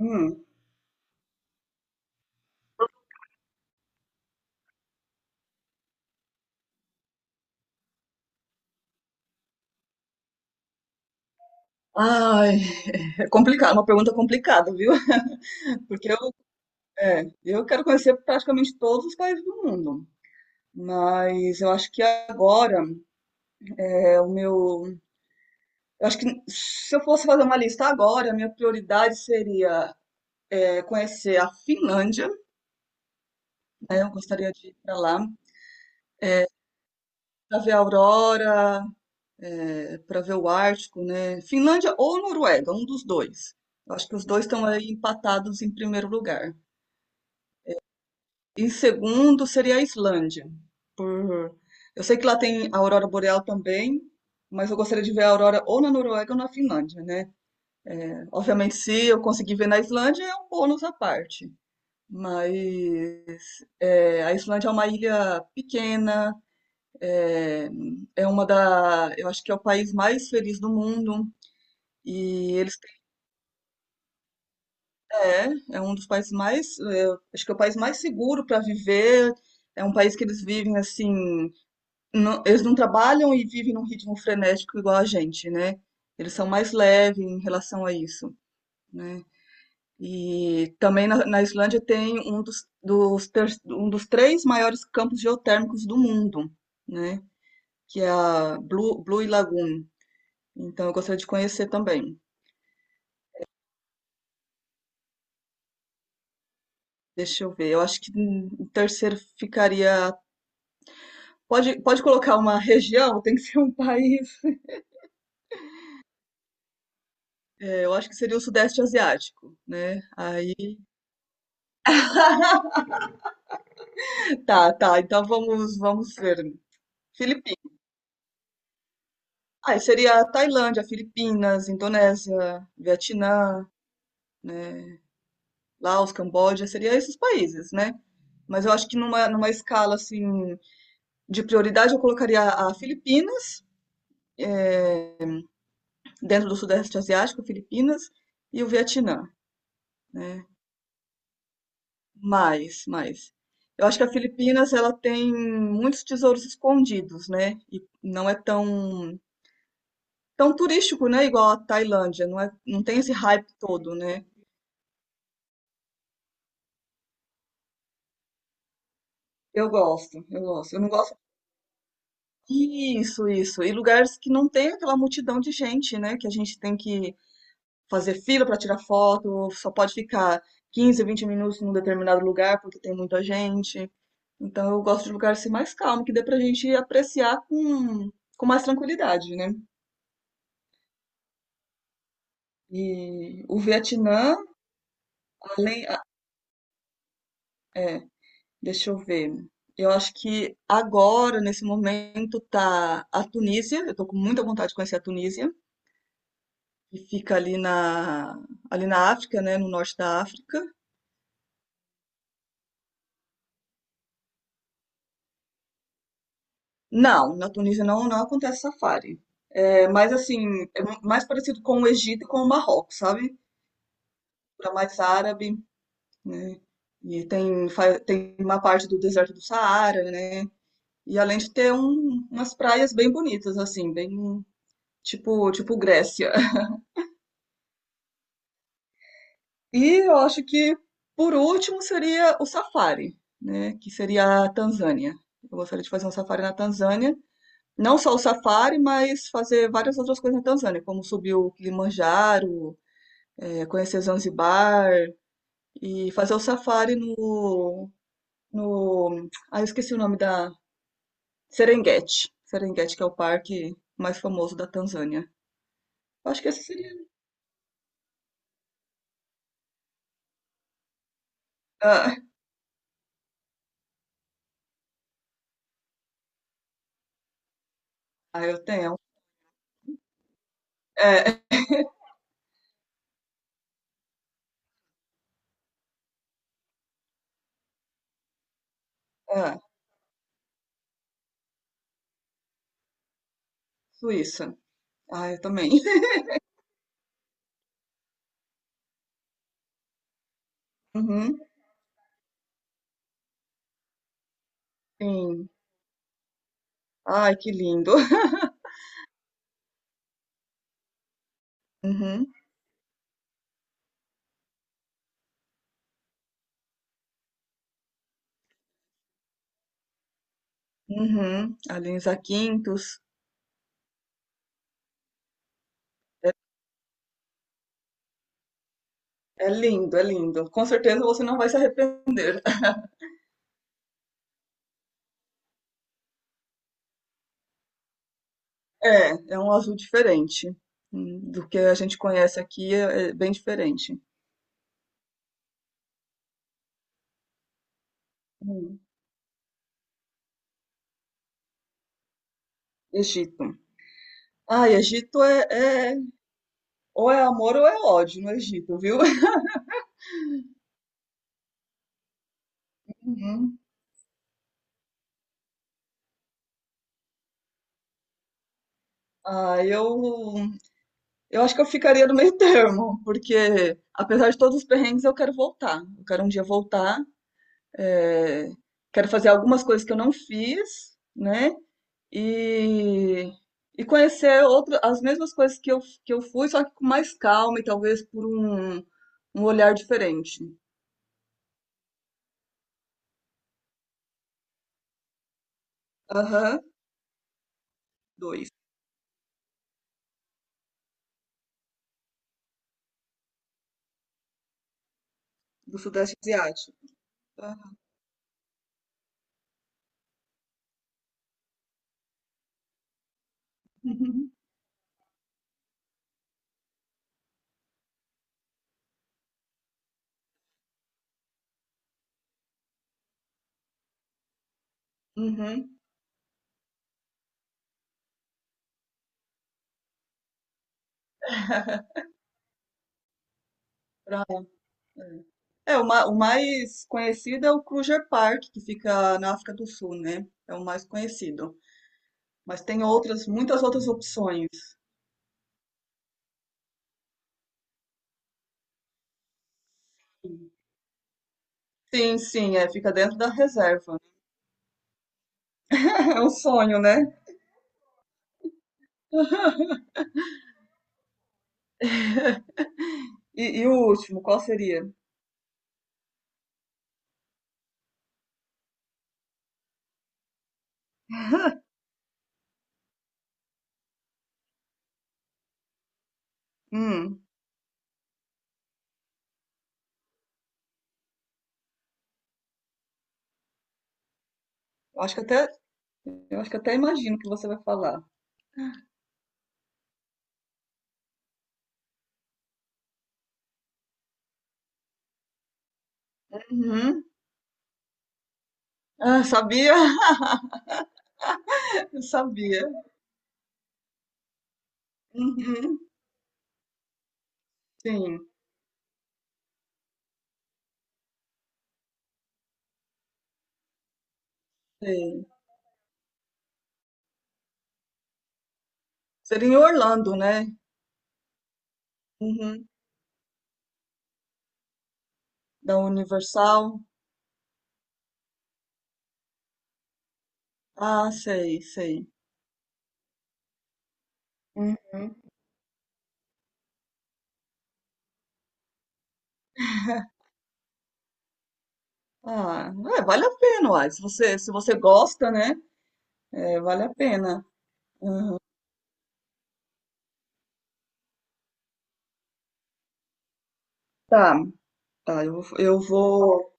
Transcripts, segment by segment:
Hum. Ai, é complicado, uma pergunta complicada, viu? Porque eu quero conhecer praticamente todos os países do mundo. Mas eu acho que agora é o meu. Eu acho que se eu fosse fazer uma lista agora, a minha prioridade seria conhecer a Finlândia, né? Eu gostaria de ir para lá, para ver a aurora, para ver o Ártico, né? Finlândia ou Noruega, um dos dois. Eu acho que os dois estão aí empatados em primeiro lugar. E segundo seria a Islândia. Por... Eu sei que lá tem a aurora boreal também, mas eu gostaria de ver a aurora ou na Noruega ou na Finlândia, né? Obviamente, se eu conseguir ver na Islândia, é um bônus à parte. Mas a Islândia é uma ilha pequena. é, eu acho que é o país mais feliz do mundo. E eles um dos países mais, acho que é o país mais seguro para viver. É um país que eles vivem assim, eles não trabalham e vivem num ritmo frenético igual a gente, né? Eles são mais leves em relação a isso, né? E também na Islândia tem um dos três maiores campos geotérmicos do mundo, né? Que é a Blue Lagoon. Então eu gostaria de conhecer também. Deixa eu ver. Eu acho que o terceiro ficaria. Pode colocar uma região, tem que ser um país. É, eu acho que seria o Sudeste Asiático, né? Aí. Tá, tá. Então vamos ver. Filipinas. Ah, seria Tailândia, Filipinas, Indonésia, Vietnã, né? Laos, Camboja, seria esses países, né? Mas eu acho que numa escala assim de prioridade eu colocaria a Filipinas, eh, dentro do Sudeste Asiático, Filipinas e o Vietnã, né? Mais, mais. Eu acho que a Filipinas ela tem muitos tesouros escondidos, né? E não é tão tão turístico, né? Igual a Tailândia, não é, não tem esse hype todo, né? Eu gosto, eu gosto. Eu não gosto. Isso, isso. E lugares que não tem aquela multidão de gente, né? Que a gente tem que fazer fila para tirar foto, só pode ficar 15, 20 minutos num determinado lugar porque tem muita gente. Então eu gosto de lugares assim, mais calmo, que dê pra gente apreciar com mais tranquilidade, né? E o Vietnã, além, deixa eu ver. Eu acho que agora, nesse momento, tá a Tunísia. Eu tô com muita vontade de conhecer a Tunísia, que fica ali ali na África, né? No norte da África. Não, na Tunísia não acontece safari. É, mas assim, é mais parecido com o Egito e com o Marrocos, sabe? Para mais árabe, né? E tem uma parte do deserto do Saara, né? E além de ter umas praias bem bonitas, assim, bem tipo Grécia. E eu acho que, por último, seria o safari, né? Que seria a Tanzânia. Eu gostaria de fazer um safari na Tanzânia. Não só o safari, mas fazer várias outras coisas na Tanzânia, como subir o Kilimanjaro, conhecer Zanzibar e fazer o safari no, no... Ah, eu esqueci o nome. Serengeti. Serengeti, que é o parque mais famoso da Tanzânia. Eu acho que esse seria... Ah, ah, eu tenho. É, é, Suíça. Ah, eu também. Uhum, sim. Ai, que lindo. Uhum, uhum. Alenza Quintos. É é lindo, é lindo. Com certeza você não vai se arrepender. É um azul diferente, do que a gente conhece aqui, é bem diferente. Hum. Egito. Ai, Egito, ou é amor ou é ódio no Egito, viu? Uhum. Ah, eu acho que eu ficaria no meio termo, porque apesar de todos os perrengues, eu quero voltar. Eu quero um dia voltar, é, quero fazer algumas coisas que eu não fiz, né? E, e conhecer outro, as mesmas coisas que eu fui, só que com mais calma e talvez por um olhar diferente. Aham, dois, do Sudeste Asiático. Aham. Uhum. Pra- É, o mais conhecido é o Kruger Park, que fica na África do Sul, né? É o mais conhecido. Mas tem outras, muitas outras opções. Sim, sim, fica dentro da reserva. É um sonho, né? E o último, qual seria? Hum, eu acho que eu acho que até imagino o que você vai falar. Uhum. Ah, sabia? Eu sabia. Uhum. Sim, sim. Seria em Orlando, né? Uhum. Da Universal. Ah, sei, sei. Uhum. Ah, é, vale a pena, uai. Se você gosta, né? É, vale a pena. Tá, tá, eu vou.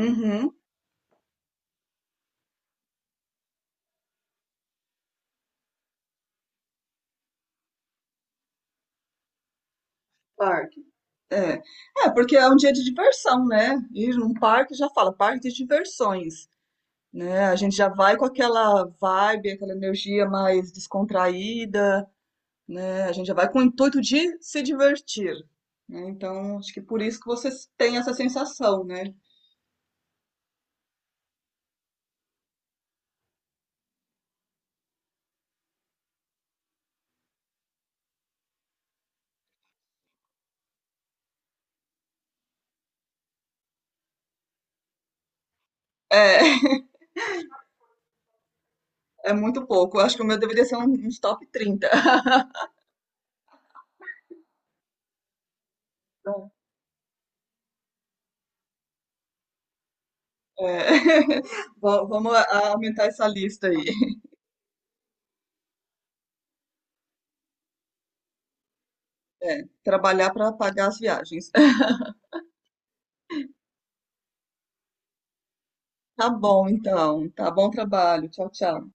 Uhum. Claro. É, é, porque é um dia de diversão, né? Ir num parque já fala, parque de diversões, né? A gente já vai com aquela vibe, aquela energia mais descontraída, né? A gente já vai com o intuito de se divertir, né? Então, acho que por isso que vocês têm essa sensação, né? É, é muito pouco. Eu acho que o meu deveria ser uns top 30. Então, é, vamos aumentar essa lista aí. É, trabalhar para pagar as viagens. Tá bom, então. Tá bom trabalho. Tchau, tchau.